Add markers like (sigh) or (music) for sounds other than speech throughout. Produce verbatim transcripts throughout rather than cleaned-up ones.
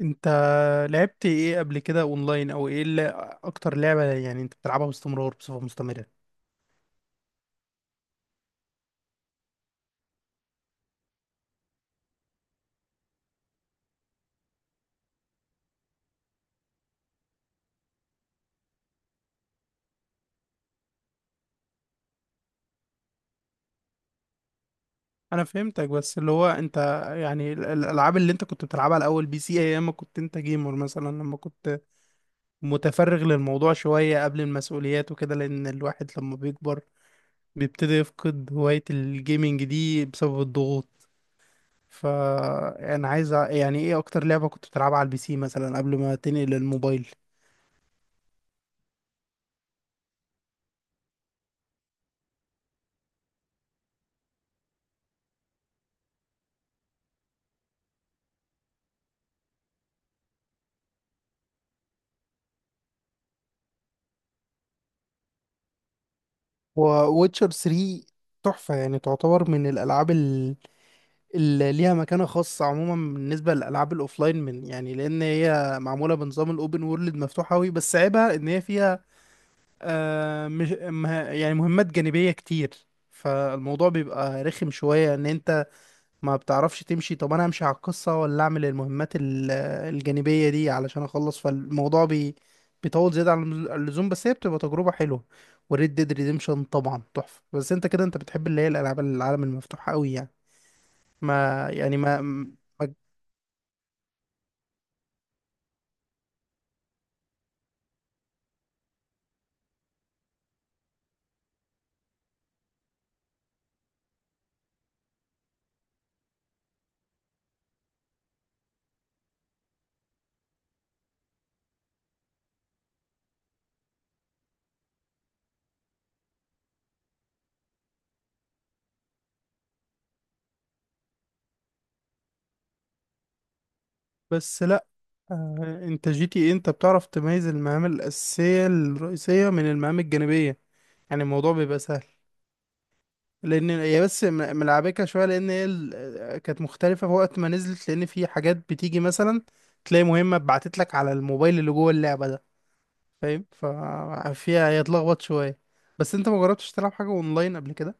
انت لعبت ايه قبل كده اونلاين، او ايه اللي اكتر لعبة يعني انت بتلعبها باستمرار بصفة مستمرة؟ انا فهمتك، بس اللي هو انت يعني ال- ال- الالعاب اللي انت كنت بتلعبها الاول بي سي، ايام ما كنت انت جيمر مثلا، لما كنت متفرغ للموضوع شوية قبل المسؤوليات وكده، لان الواحد لما بيكبر بيبتدي يفقد هواية الجيمنج دي بسبب الضغوط. فانا عايز أ- يعني ايه اكتر لعبة كنت بتلعبها على البي سي مثلا قبل ما تنقل للموبايل؟ وويتشر ثلاثة تحفة يعني، تعتبر من الألعاب ال- اللي ليها مكانة خاصة عموما بالنسبة للألعاب الأوفلاين، من يعني، لأن هي معمولة بنظام الأوبن وورلد مفتوح أوي، بس عيبها إن هي فيها آه مش مه- يعني مهمات جانبية كتير، فالموضوع بيبقى رخم شوية إن أنت ما بتعرفش تمشي. طب انا امشي على القصة ولا اعمل المهمات ال- الجانبية دي علشان اخلص؟ فالموضوع بي بيطول زيادة عن اللزوم، بس هي بتبقى تجربة حلوة. وريد ديد ريديمشن طبعا تحفة، بس انت كده انت بتحب اللي هي الالعاب العالم المفتوح قوي يعني، ما يعني ما ما- بس لا. آه، انت جي تي ايه انت بتعرف تميز المهام الاساسية الرئيسية من المهام الجانبية، يعني الموضوع بيبقى سهل. لان هي بس م- ملعبكه شويه، لان هي ال- كانت مختلفه في وقت ما نزلت، لان في حاجات بتيجي مثلا تلاقي مهمه اتبعتت لك على الموبايل اللي جوه اللعبه ده، فاهم؟ ففيها هي اتلخبط شويه. بس انت ما جربتش تلعب حاجه اونلاين قبل كده؟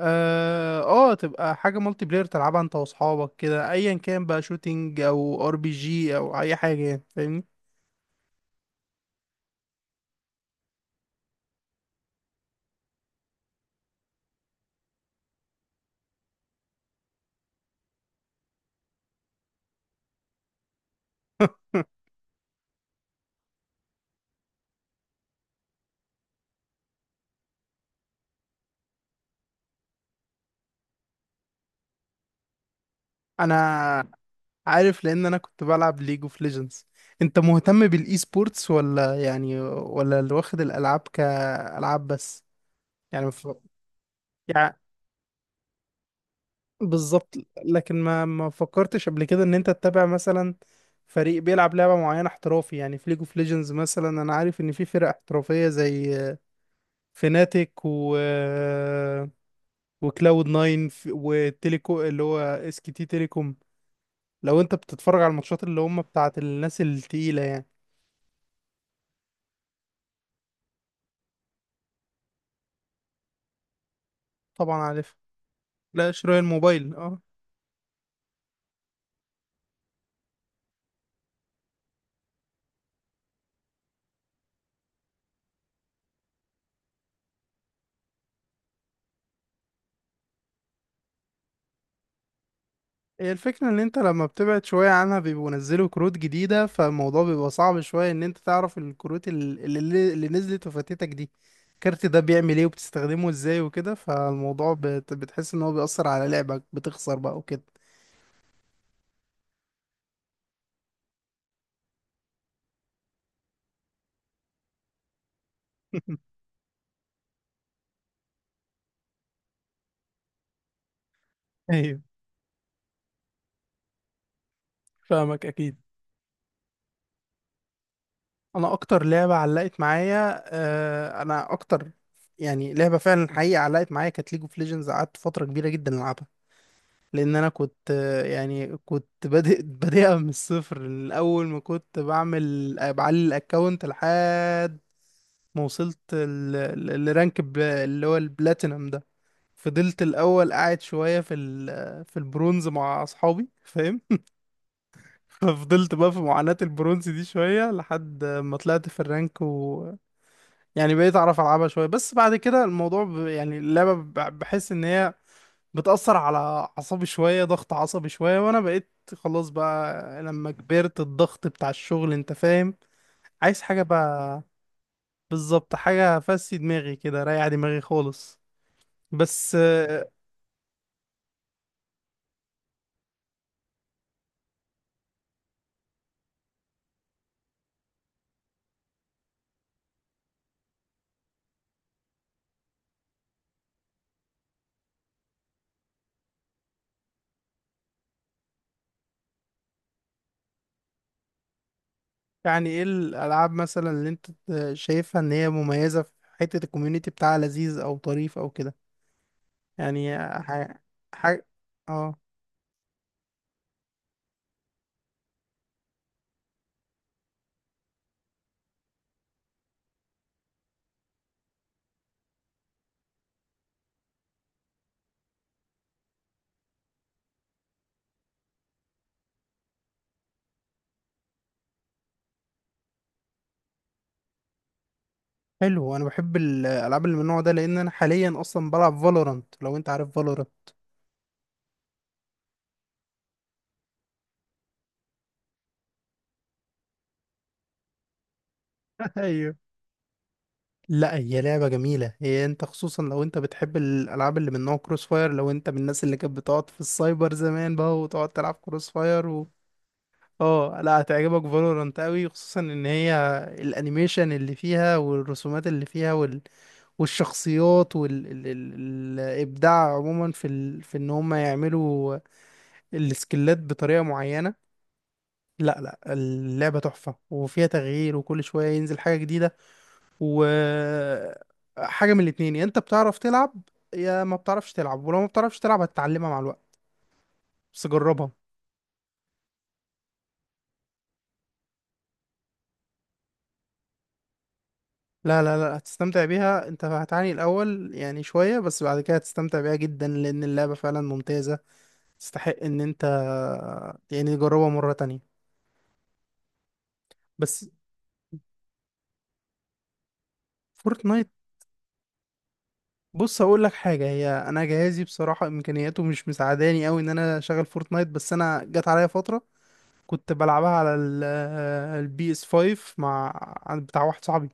اه، آه، تبقى حاجه مالتي بلاير تلعبها انت واصحابك كده، ايا كان بقى شوتينج او ار بي جي او اي حاجه، يعني فاهمني؟ (laughs) انا عارف، لان انا كنت بلعب ليج اوف ليجندز. انت مهتم بالاي سبورتس ولا يعني، ولا اللي واخد الالعاب كالعاب بس؟ يعني مف... يعني بالظبط. لكن ما ما فكرتش قبل كده ان انت تتابع مثلا فريق بيلعب لعبة معينة احترافي، يعني في ليج اوف ليجندز مثلا انا عارف ان في فرق احترافية زي فيناتيك و وكلاود ناين، ف- وتيليكو اللي هو اس كي تي تيليكوم. لو انت بتتفرج على الماتشات اللي هم بتاعت الناس التقيلة يعني؟ طبعا عارف. لا، شراء الموبايل، اه. هي الفكرة ان انت لما بتبعد شوية عنها بيبقوا نزلوا كروت جديدة، فالموضوع بيبقى صعب شوية ان انت تعرف الكروت ال- اللي, اللي نزلت وفاتتك دي، الكارت ده بيعمل ايه وبتستخدمه ازاي وكده، فالموضوع بت... بتحس ان هو بيأثر على لعبك، بتخسر بقى وكده. (laughs) ايوه، فاهمك اكيد. انا اكتر لعبة علقت معايا، آه انا اكتر يعني لعبة فعلا حقيقة علقت معايا كانت ليج اوف ليجندز. قعدت فترة كبيرة جدا العبها، لان انا كنت يعني كنت بادئ (laughs) بادئها من الصفر، من اول ما كنت بعمل بعلي الاكونت لحد ما وصلت ال- ال- الرانك ب- اللي هو البلاتينم ده. فضلت الاول قاعد شويه في ال- في البرونز مع اصحابي، فاهم؟ (laughs) ففضلت بقى في معاناه البرونز دي شويه لحد ما طلعت في الرانك، و يعني بقيت اعرف العبها شويه. بس بعد كده الموضوع ب... يعني اللعبه ب- بحس ان هي بتأثر على أعصابي شوية، ضغط عصبي شوية، وأنا بقيت خلاص بقى لما كبرت الضغط بتاع الشغل، أنت فاهم؟ عايز حاجة بقى، بالظبط، حاجة فسي دماغي كده، ريح دماغي خالص. بس آه، يعني إيه الألعاب مثلا اللي أنت شايفها إن هي مميزة في حتة الكوميونيتي بتاعها، لذيذ أو طريف أو كده، يعني حاجة. حاجة آه حلو، أنا بحب الألعاب اللي من النوع ده، لأن أنا حاليا أصلا بلعب فالورانت، لو أنت عارف فالورانت. (laughs) لا، هي لعبة جميلة. هي انت خصوصا لو انت بتحب الالعاب اللي من نوع كروس فاير، لو انت من الناس اللي كانت بتقعد في السايبر زمان بقى وتقعد تلعب كروس فاير و... اه، لا، هتعجبك فالورانت قوي، خصوصا ان هي الانيميشن اللي فيها والرسومات اللي فيها وال... والشخصيات والابداع عموما في ال... في ان هم يعملوا السكيلات بطريقة معينة. لا لا، اللعبة تحفة وفيها تغيير وكل شوية ينزل حاجة جديدة. وحاجة من الاتنين، يا انت بتعرف تلعب يا ما بتعرفش تلعب، ولو ما بتعرفش تلعب هتتعلمها مع الوقت، بس جربها. لا لا لا، هتستمتع بيها، انت هتعاني الاول يعني شوية بس بعد كده هتستمتع بيها جدا لان اللعبة فعلا ممتازة، تستحق ان انت يعني تجربها مرة تانية. بس فورتنايت، بص هقول لك حاجة: هي انا جهازي بصراحة امكانياته مش مساعداني قوي ان انا اشغل فورتنايت، بس انا جت عليا فترة كنت بلعبها على البي اس فايف مع عند بتاع واحد صاحبي.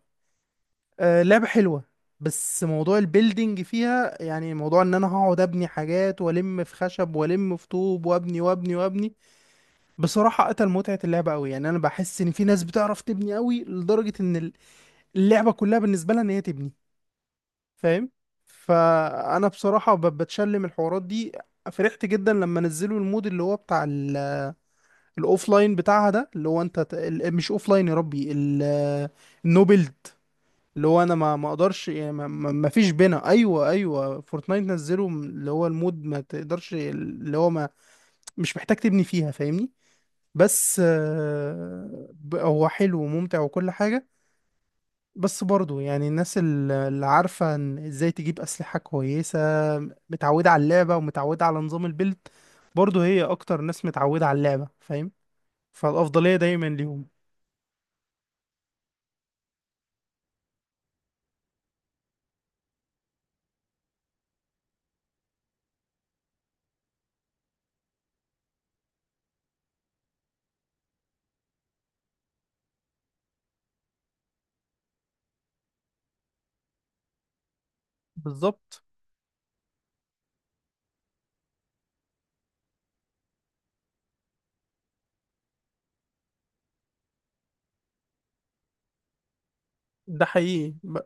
آه، لعبة حلوة، بس موضوع البيلدينج فيها يعني، موضوع ان انا هقعد ابني حاجات والم في خشب والم في طوب وابني وابني وابني بصراحة قتل متعة اللعبة قوي. يعني انا بحس ان في ناس بتعرف تبني قوي لدرجة ان اللعبة كلها بالنسبة لها ان هي تبني، فاهم؟ فانا بصراحة ب- بتشلم الحوارات دي. فرحت جدا لما نزلوا المود اللي هو بتاع ال الاوفلاين بتاعها ده، اللي هو انت ت- ال- مش اوفلاين يا ربي، ال- النوبلد، اللي هو انا ما ما اقدرش يعني ما ما- ما فيش بينا. ايوه ايوه، فورتنايت نزلوا م- اللي هو المود ما تقدرش، اللي هو ما مش محتاج تبني فيها، فاهمني؟ بس آه، ب- هو حلو وممتع وكل حاجة. بس برضه يعني الناس ال- اللي عارفة إن ازاي تجيب أسلحة كويسة، متعودة على اللعبة ومتعودة على نظام البيلد، برضه هي أكتر ناس متعودة على اللعبة، فاهم؟ فالأفضلية دايما ليهم. بالظبط، ده حقيقي. ب-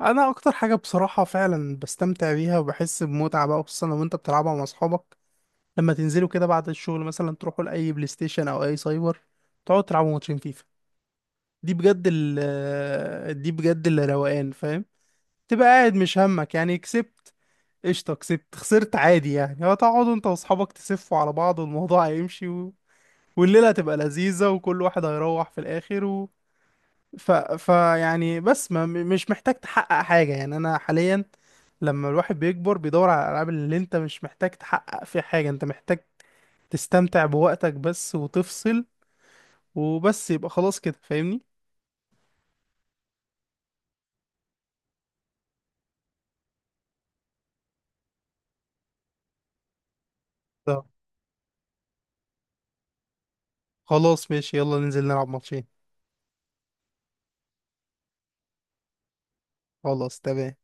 انا اكتر حاجه بصراحه فعلا بستمتع بيها وبحس بمتعه بقى، خصوصا لو انت بتلعبها مع اصحابك، لما تنزلوا كده بعد الشغل مثلا تروحوا لاي بلاي ستيشن او اي سايبر، تقعدوا تلعبوا ماتشين فيفا. دي بجد ال دي بجد اللي روقان، فاهم؟ تبقى قاعد مش همك يعني، كسبت قشطه، كسبت خسرت عادي، يعني هو تقعدوا انت واصحابك تسفوا على بعض والموضوع (laughs) هيمشي و... والليله هتبقى لذيذه وكل واحد هيروح في الاخر. ف... فيعني بس ما... م- مش محتاج تحقق حاجة، يعني أنا حاليا لما الواحد بيكبر بيدور على الألعاب اللي أنت مش محتاج تحقق فيها حاجة، أنت محتاج تستمتع بوقتك بس وتفصل، وبس يبقى خلاص كده، فاهمني؟ طب خلاص ماشي، يلا ننزل نلعب ماتشين. خلاص تمام.